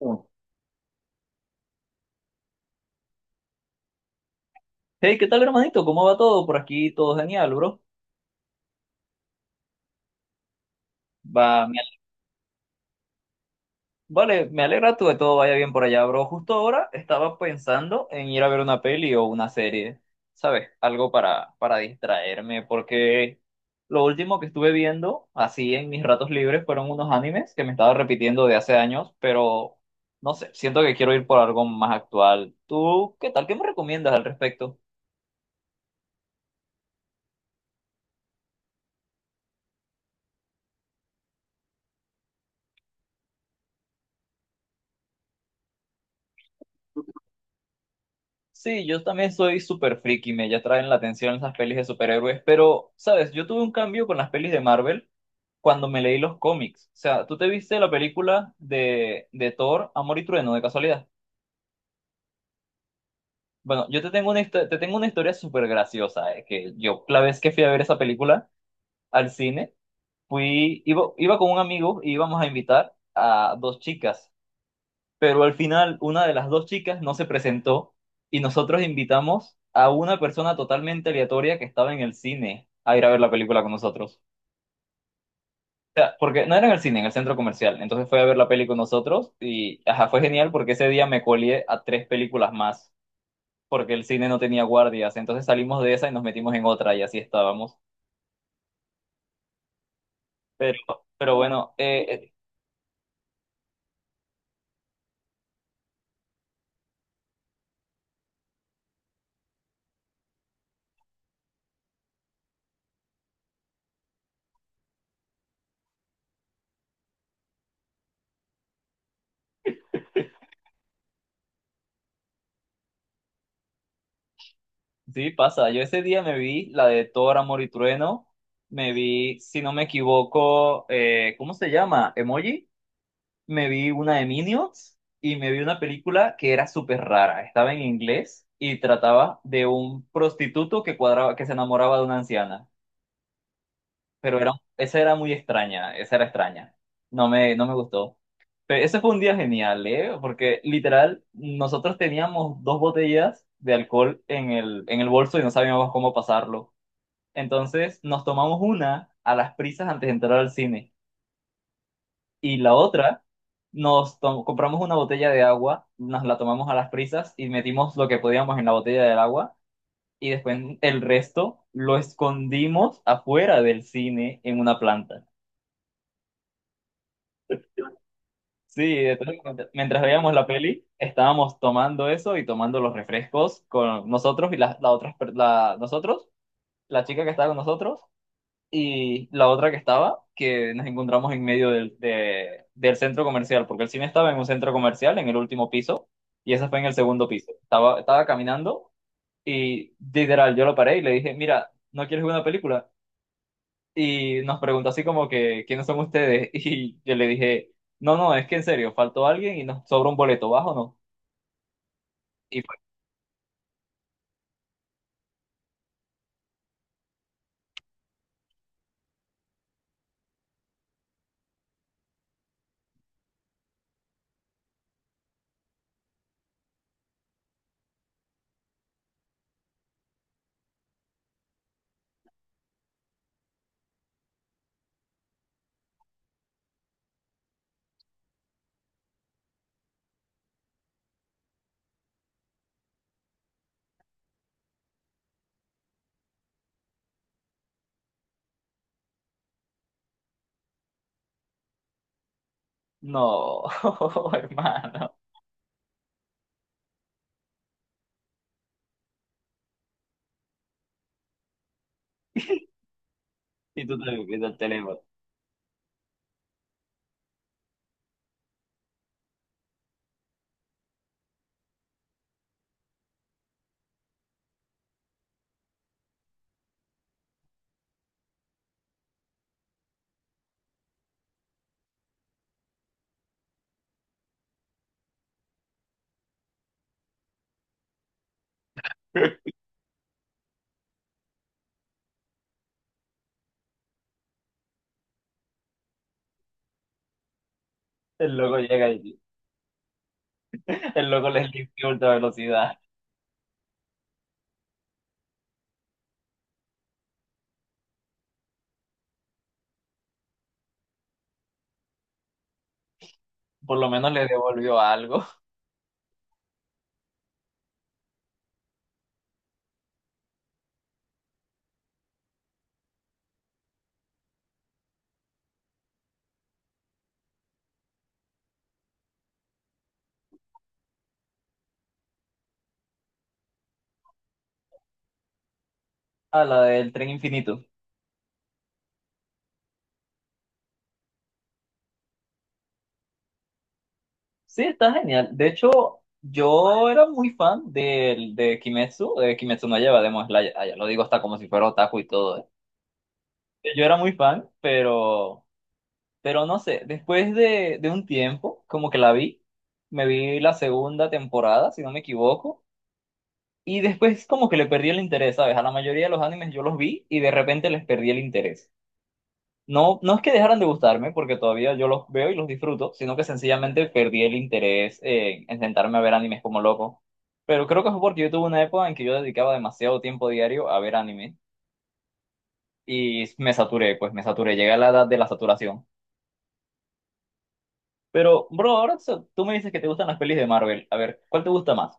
Uno. Hey, ¿qué tal, hermanito? ¿Cómo va todo? Por aquí todo genial, bro. Va, me ale- vale, me alegra tú de todo vaya bien por allá, bro. Justo ahora estaba pensando en ir a ver una peli o una serie, ¿sabes? Algo para distraerme, porque lo último que estuve viendo, así en mis ratos libres, fueron unos animes que me estaba repitiendo de hace años, pero no sé, siento que quiero ir por algo más actual. ¿Tú qué tal? ¿Qué me recomiendas al respecto? Sí, yo también soy súper friki, me ya traen la atención esas pelis de superhéroes, pero, ¿sabes? Yo tuve un cambio con las pelis de Marvel cuando me leí los cómics. O sea, ¿tú te viste la película de Thor, Amor y Trueno, de casualidad? Bueno, yo te tengo te tengo una historia súper graciosa, que yo la vez que fui a ver esa película al cine, iba con un amigo y íbamos a invitar a dos chicas. Pero al final una de las dos chicas no se presentó y nosotros invitamos a una persona totalmente aleatoria que estaba en el cine a ir a ver la película con nosotros. O sea, porque no era en el cine, en el centro comercial. Entonces fue a ver la peli con nosotros y ajá, fue genial porque ese día me colié a tres películas más porque el cine no tenía guardias. Entonces salimos de esa y nos metimos en otra y así estábamos. Pero, pero bueno, sí, pasa. Yo ese día me vi la de Thor, Amor y Trueno. Me vi, si no me equivoco, ¿cómo se llama? ¿Emoji? Me vi una de Minions y me vi una película que era súper rara. Estaba en inglés y trataba de un prostituto que cuadraba, que se enamoraba de una anciana. Pero era, esa era muy extraña, esa era extraña. No me gustó. Pero ese fue un día genial, ¿eh? Porque literal, nosotros teníamos dos botellas de alcohol en en el bolso y no sabíamos cómo pasarlo. Entonces nos tomamos una a las prisas antes de entrar al cine y la otra compramos una botella de agua, nos la tomamos a las prisas y metimos lo que podíamos en la botella del agua y después el resto lo escondimos afuera del cine en una planta. Sí, entonces, mientras veíamos la peli, estábamos tomando eso y tomando los refrescos con nosotros y las la otras per- la, nosotros, la chica que estaba con nosotros y la otra que estaba, que nos encontramos en medio del centro comercial, porque el cine estaba en un centro comercial, en el último piso, y esa fue en el segundo piso. Estaba caminando y literal, yo lo paré y le dije, mira, ¿no quieres ver una película? Y nos preguntó así como que, ¿quiénes son ustedes? Y yo le dije, no, es que en serio, faltó alguien y nos sobra un boleto, ¿vas o no? Y fue, no, hermano. Y tú te viendo el teléfono. El loco llega y el loco les limpió ultra velocidad. Por lo menos le devolvió algo a la del Tren Infinito. Sí, está genial. De hecho, yo era muy fan del de Kimetsu no lleva Demon Slayer. Ah, ya lo digo hasta como si fuera otaku y todo. Yo era muy fan, pero no sé, después de un tiempo, como que la vi, me vi la segunda temporada, si no me equivoco, y después como que le perdí el interés, ¿sabes? A la mayoría de los animes yo los vi y de repente les perdí el interés. No es que dejaran de gustarme, porque todavía yo los veo y los disfruto, sino que sencillamente perdí el interés en sentarme a ver animes como loco. Pero creo que fue porque yo tuve una época en que yo dedicaba demasiado tiempo diario a ver anime y me saturé, pues me saturé, llegué a la edad de la saturación. Pero, bro, tú me dices que te gustan las pelis de Marvel. A ver, ¿cuál te gusta más?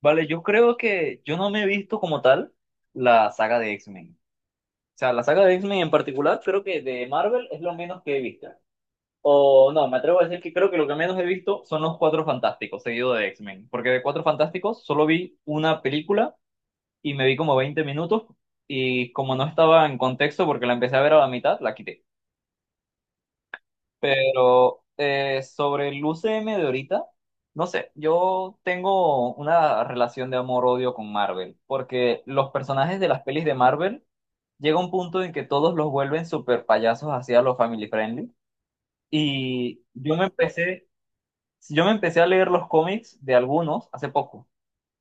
Vale, yo creo que yo no me he visto como tal la saga de X-Men. O sea, la saga de X-Men en particular, creo que de Marvel es lo menos que he visto. O no, me atrevo a decir que creo que lo que menos he visto son los Cuatro Fantásticos, seguido de X-Men. Porque de Cuatro Fantásticos solo vi una película y me vi como 20 minutos. Y como no estaba en contexto porque la empecé a ver a la mitad, la quité. Pero sobre el UCM de ahorita, no sé, yo tengo una relación de amor-odio con Marvel. Porque los personajes de las pelis de Marvel llega un punto en que todos los vuelven super payasos hacia los family friendly. Y yo me empecé. Sí, yo me empecé a leer los cómics de algunos hace poco.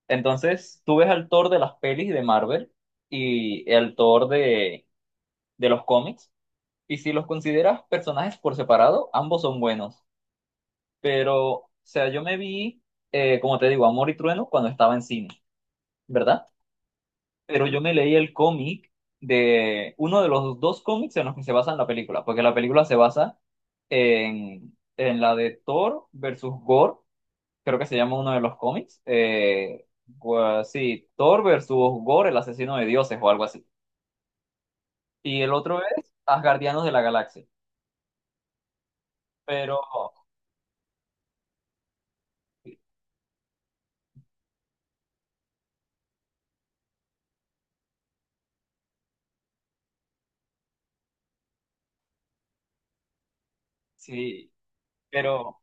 Entonces, tú ves al Thor de las pelis de Marvel y el Thor de los cómics. Y si los consideras personajes por separado, ambos son buenos. Pero, o sea, yo me vi, como te digo, Amor y Trueno cuando estaba en cine, ¿verdad? Pero yo me leí el cómic de uno de los dos cómics en los que se basa la película, porque la película se basa en la de Thor versus Gore creo que se llama uno de los cómics. Sí, Thor versus Gore, el asesino de dioses o algo así. Y el otro es Asgardianos de la Galaxia. Pero, sí, pero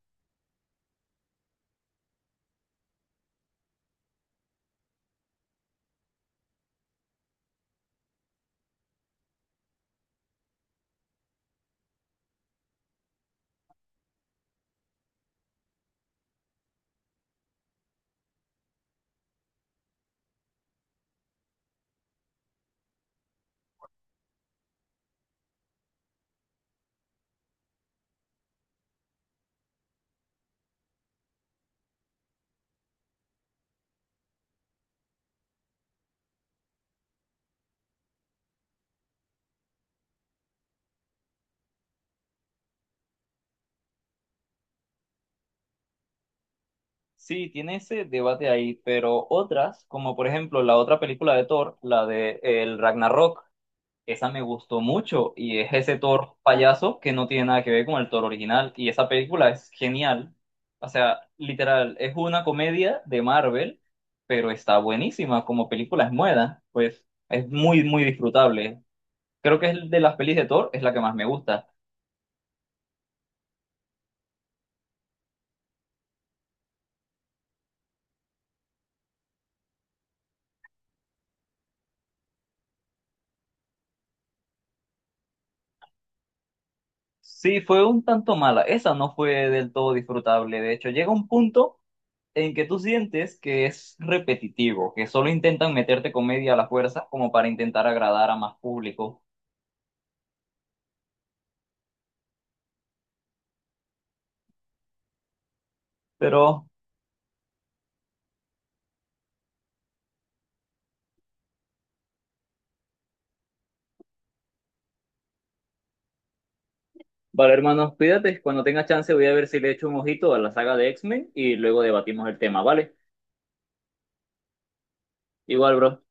sí, tiene ese debate ahí. Pero otras, como por ejemplo la otra película de Thor, la de el Ragnarok. Esa me gustó mucho y es ese toro payaso que no tiene nada que ver con el toro original y esa película es genial. O sea, literal, es una comedia de Marvel, pero está buenísima como película es muda, pues es muy, muy disfrutable. Creo que es de las pelis de Thor, es la que más me gusta. Sí, fue un tanto mala, esa no fue del todo disfrutable. De hecho, llega un punto en que tú sientes que es repetitivo, que solo intentan meterte comedia a la fuerza como para intentar agradar a más público. Pero, vale, hermano, cuídate. Cuando tenga chance, voy a ver si le echo un ojito a la saga de X-Men y luego debatimos el tema, ¿vale? Igual, bro.